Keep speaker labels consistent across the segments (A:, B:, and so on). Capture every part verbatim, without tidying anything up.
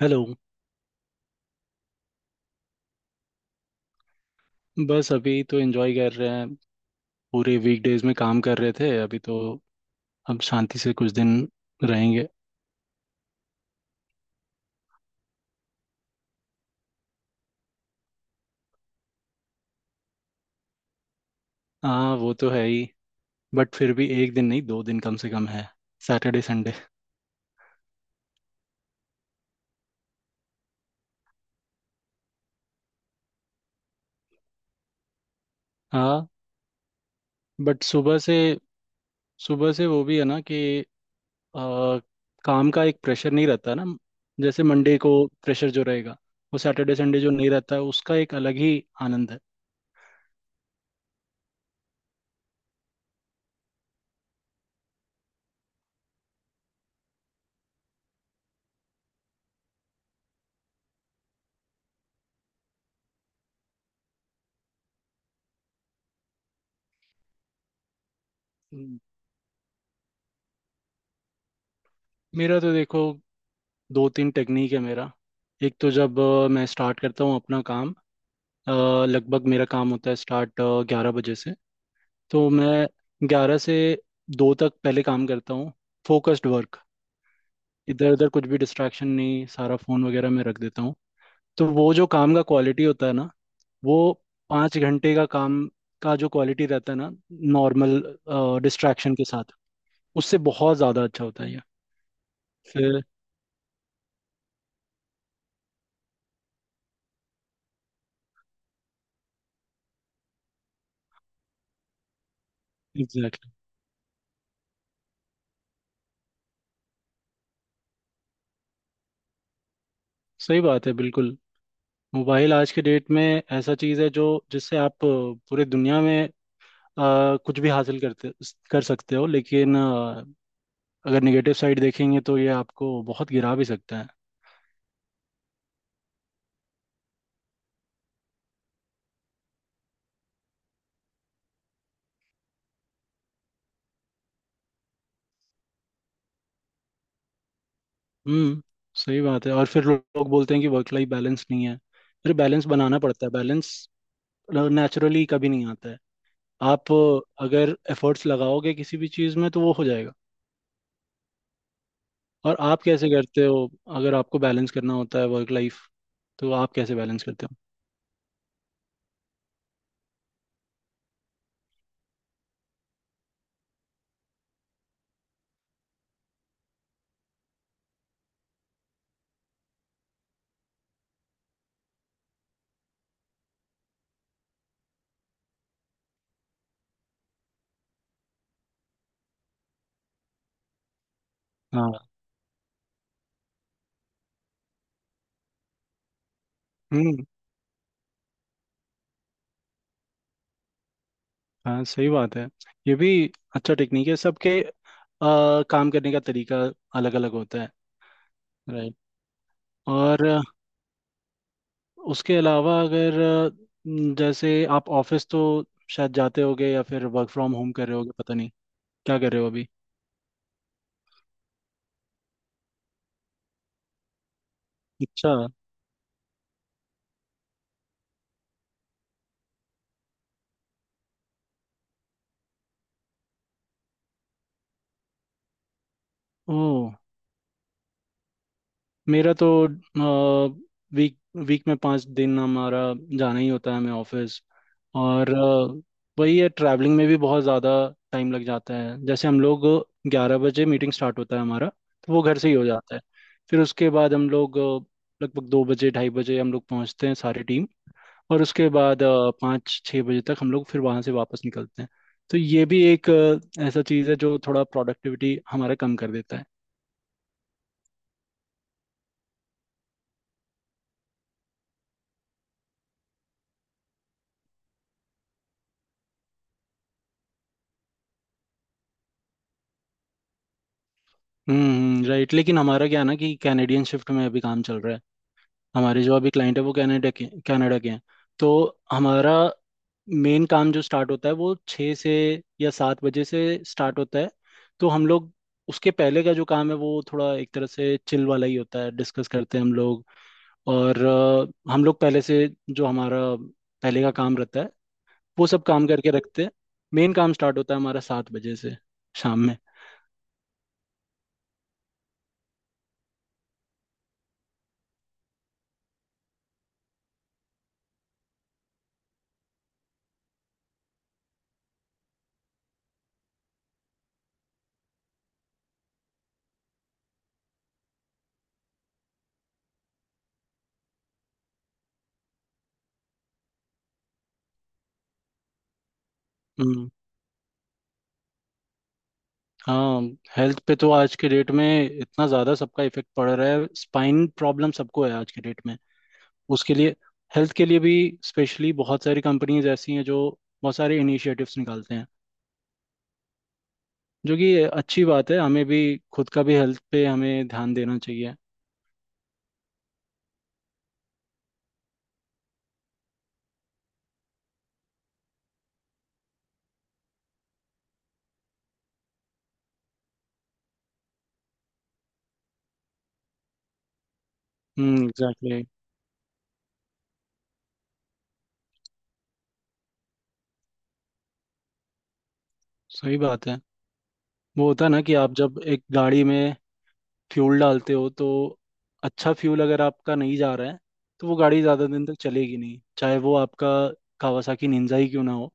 A: Hello. बस अभी तो एंजॉय कर रहे हैं। पूरे वीकडेज में काम कर रहे थे, अभी तो अब शांति से कुछ दिन रहेंगे। हाँ, वो तो है ही। बट फिर भी एक दिन नहीं, दो दिन कम से कम है, सैटरडे संडे। हाँ। बट सुबह से सुबह से वो भी है ना कि आ, काम का एक प्रेशर नहीं रहता ना। जैसे मंडे को प्रेशर जो रहेगा, वो सैटरडे संडे जो नहीं रहता है उसका एक अलग ही आनंद है। हम्म। मेरा तो देखो, दो तीन टेक्निक है मेरा। एक तो जब अ, मैं स्टार्ट करता हूँ अपना काम। अ, लगभग मेरा काम होता है स्टार्ट ग्यारह बजे से। तो मैं ग्यारह से दो तक पहले काम करता हूँ, फोकस्ड वर्क। इधर उधर कुछ भी डिस्ट्रैक्शन नहीं, सारा फ़ोन वगैरह मैं रख देता हूँ। तो वो जो काम का क्वालिटी होता है ना, वो पाँच घंटे का काम का जो क्वालिटी रहता है ना, नॉर्मल डिस्ट्रैक्शन के साथ, उससे बहुत ज़्यादा अच्छा होता है ये। फिर एग्जैक्टली exactly. सही बात है, बिल्कुल। मोबाइल आज के डेट में ऐसा चीज़ है जो जिससे आप अ, पूरे दुनिया में अ, कुछ भी हासिल करते कर सकते हो, लेकिन अ, अगर नेगेटिव साइड देखेंगे तो ये आपको बहुत गिरा भी सकता है। हम्म सही बात है। और फिर लो- लोग बोलते हैं कि वर्क लाइफ बैलेंस नहीं है। फिर बैलेंस बनाना पड़ता है, बैलेंस नेचुरली कभी नहीं आता है। आप अ, अगर एफर्ट्स लगाओगे किसी भी चीज़ में तो वो हो जाएगा। और आप कैसे करते हो? अगर आपको बैलेंस करना होता है वर्क लाइफ, तो आप कैसे बैलेंस करते हो? हाँ। हम्म। हाँ। सही बात है, ये भी अच्छा टेक्निक है। सबके अ, काम करने का तरीका अलग अलग होता है। राइट। और अ, उसके अलावा अगर अ, न- जैसे आप ऑफिस तो शायद जाते होगे या फिर वर्क फ्रॉम होम कर रहे होगे, पता नहीं क्या कर रहे हो अभी? अच्छा। ओह। मेरा तो वीक वीक में पाँच दिन हमारा जाना ही होता है हमें ऑफिस। और अ, वही है, ट्रैवलिंग में भी बहुत ज़्यादा टाइम लग जाता है। जैसे हम लोग ग्यारह बजे मीटिंग स्टार्ट होता है हमारा, तो वो घर से ही हो जाता है। फिर उसके बाद हम लोग अ, लगभग दो बजे ढाई बजे हम लोग पहुंचते हैं सारी टीम। और उसके बाद अ, पाँच छः बजे तक हम लोग फिर वहाँ से वापस निकलते हैं। तो ये भी एक अ, ऐसा चीज़ है जो थोड़ा प्रोडक्टिविटी हमारा कम कर देता है। हम्म राइट। लेकिन हमारा क्या है ना, कि कैनेडियन शिफ्ट में अभी काम चल रहा है। हमारे जो अभी क्लाइंट है, वो कनाडा के कनाडा के हैं। तो हमारा मेन काम जो स्टार्ट होता है, वो छः से या सात बजे से स्टार्ट होता है। तो हम लोग उसके पहले का जो काम है वो थोड़ा एक तरह से चिल वाला ही होता है, डिस्कस करते हैं हम लोग। और अ, हम लोग पहले से जो हमारा पहले का काम रहता है वो सब काम करके रखते हैं। मेन काम स्टार्ट होता है हमारा सात बजे से, शाम में। हम्म। हाँ। हेल्थ पे तो आज के डेट में इतना ज़्यादा सबका इफेक्ट पड़ रहा है, स्पाइन प्रॉब्लम सबको है आज के डेट में। उसके लिए हेल्थ के लिए भी स्पेशली बहुत सारी कंपनीज ऐसी हैं जो बहुत सारे इनिशिएटिव्स निकालते हैं, जो कि अच्छी बात है। हमें भी खुद का भी हेल्थ पे हमें ध्यान देना चाहिए। हम्म एग्जैक्टली। सही बात है। वो होता है ना कि आप जब एक गाड़ी में फ्यूल डालते हो, तो अच्छा फ्यूल अगर आपका नहीं जा रहा है, तो वो गाड़ी ज़्यादा दिन तक चलेगी नहीं, चाहे वो आपका कावासाकी निंजा ही क्यों ना हो।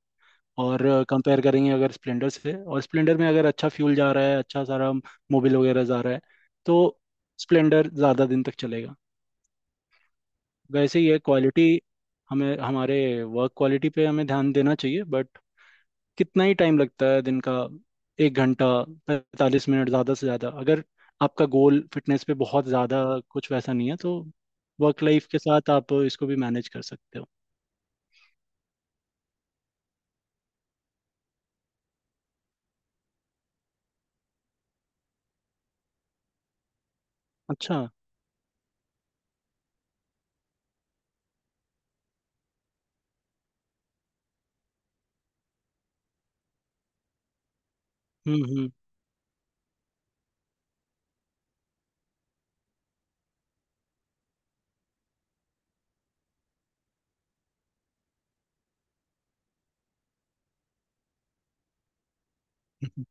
A: और कंपेयर करेंगे अगर स्प्लेंडर से, और स्प्लेंडर में अगर अच्छा फ्यूल जा रहा है, अच्छा सारा मोबिल वगैरह जा रहा है, तो स्प्लेंडर ज़्यादा दिन तक चलेगा। वैसे ही है क्वालिटी। हमें हमारे वर्क क्वालिटी पे हमें ध्यान देना चाहिए। बट कितना ही टाइम लगता है दिन का, एक घंटा पैंतालीस मिनट ज़्यादा से ज़्यादा। अगर आपका गोल फिटनेस पे बहुत ज़्यादा कुछ वैसा नहीं है, तो वर्क लाइफ के साथ आप इसको भी मैनेज कर सकते हो। अच्छा। हम्म। हम्म।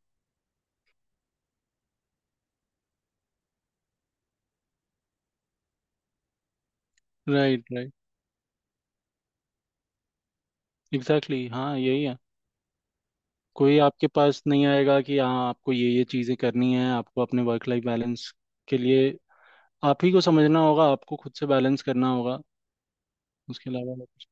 A: Right, right. एग्जैक्टली, हाँ, यही है। कोई आपके पास नहीं आएगा कि हाँ, आपको ये ये चीज़ें करनी है। आपको अपने वर्क लाइफ बैलेंस के लिए आप ही को समझना होगा, आपको खुद से बैलेंस करना होगा। उसके अलावा और कुछ।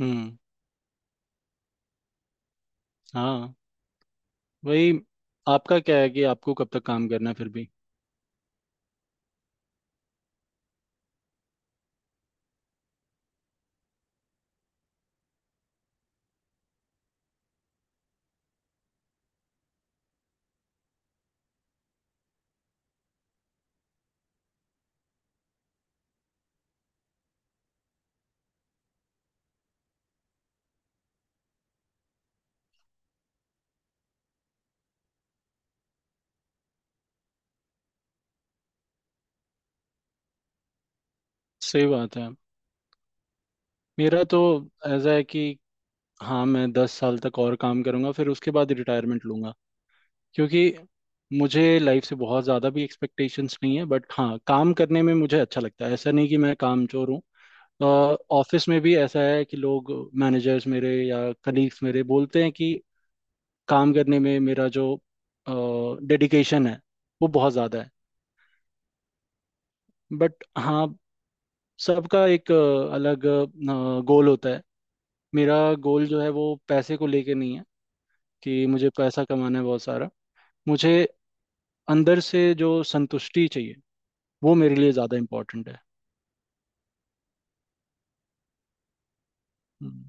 A: हम्म। हाँ, वही। आपका क्या है कि आपको कब तक काम करना है फिर भी? सही बात है। मेरा तो ऐसा है कि हाँ, मैं दस साल तक और काम करूँगा, फिर उसके बाद रिटायरमेंट लूँगा। क्योंकि मुझे लाइफ से बहुत ज़्यादा भी एक्सपेक्टेशंस नहीं है। बट हाँ, काम करने में मुझे अच्छा लगता है, ऐसा नहीं कि मैं काम चोर हूँ। ऑफिस में भी ऐसा है कि लोग, मैनेजर्स मेरे या कलीग्स मेरे, बोलते हैं कि काम करने में मेरा जो डेडिकेशन है वो बहुत ज़्यादा है। बट हाँ, सबका एक अ, अलग गोल होता है। मेरा गोल जो है, वो पैसे को लेके नहीं है कि मुझे पैसा कमाना है बहुत सारा। मुझे अंदर से जो संतुष्टि चाहिए, वो मेरे लिए ज़्यादा इम्पोर्टेंट है। हम्म।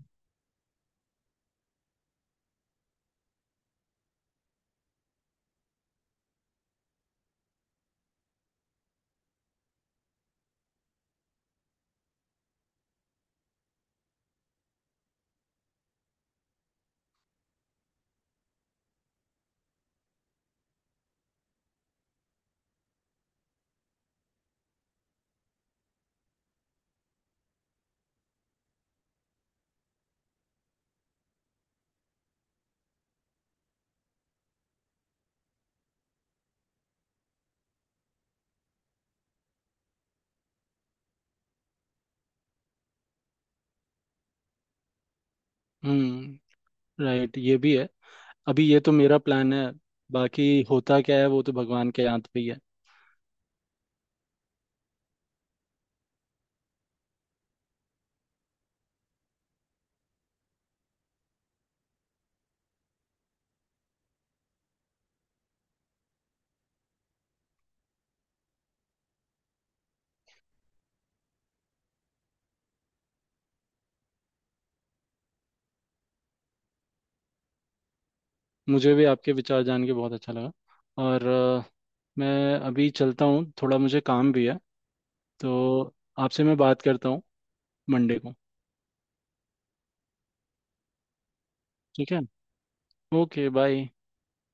A: हम्म। राइट, ये भी है। अभी ये तो मेरा प्लान है, बाकी होता क्या है वो तो भगवान के हाथ पे ही है। मुझे भी आपके विचार जान के बहुत अच्छा लगा। और अ, मैं अभी चलता हूँ, थोड़ा मुझे काम भी है। तो आपसे मैं बात करता हूँ मंडे को। ठीक है, ओके, बाय।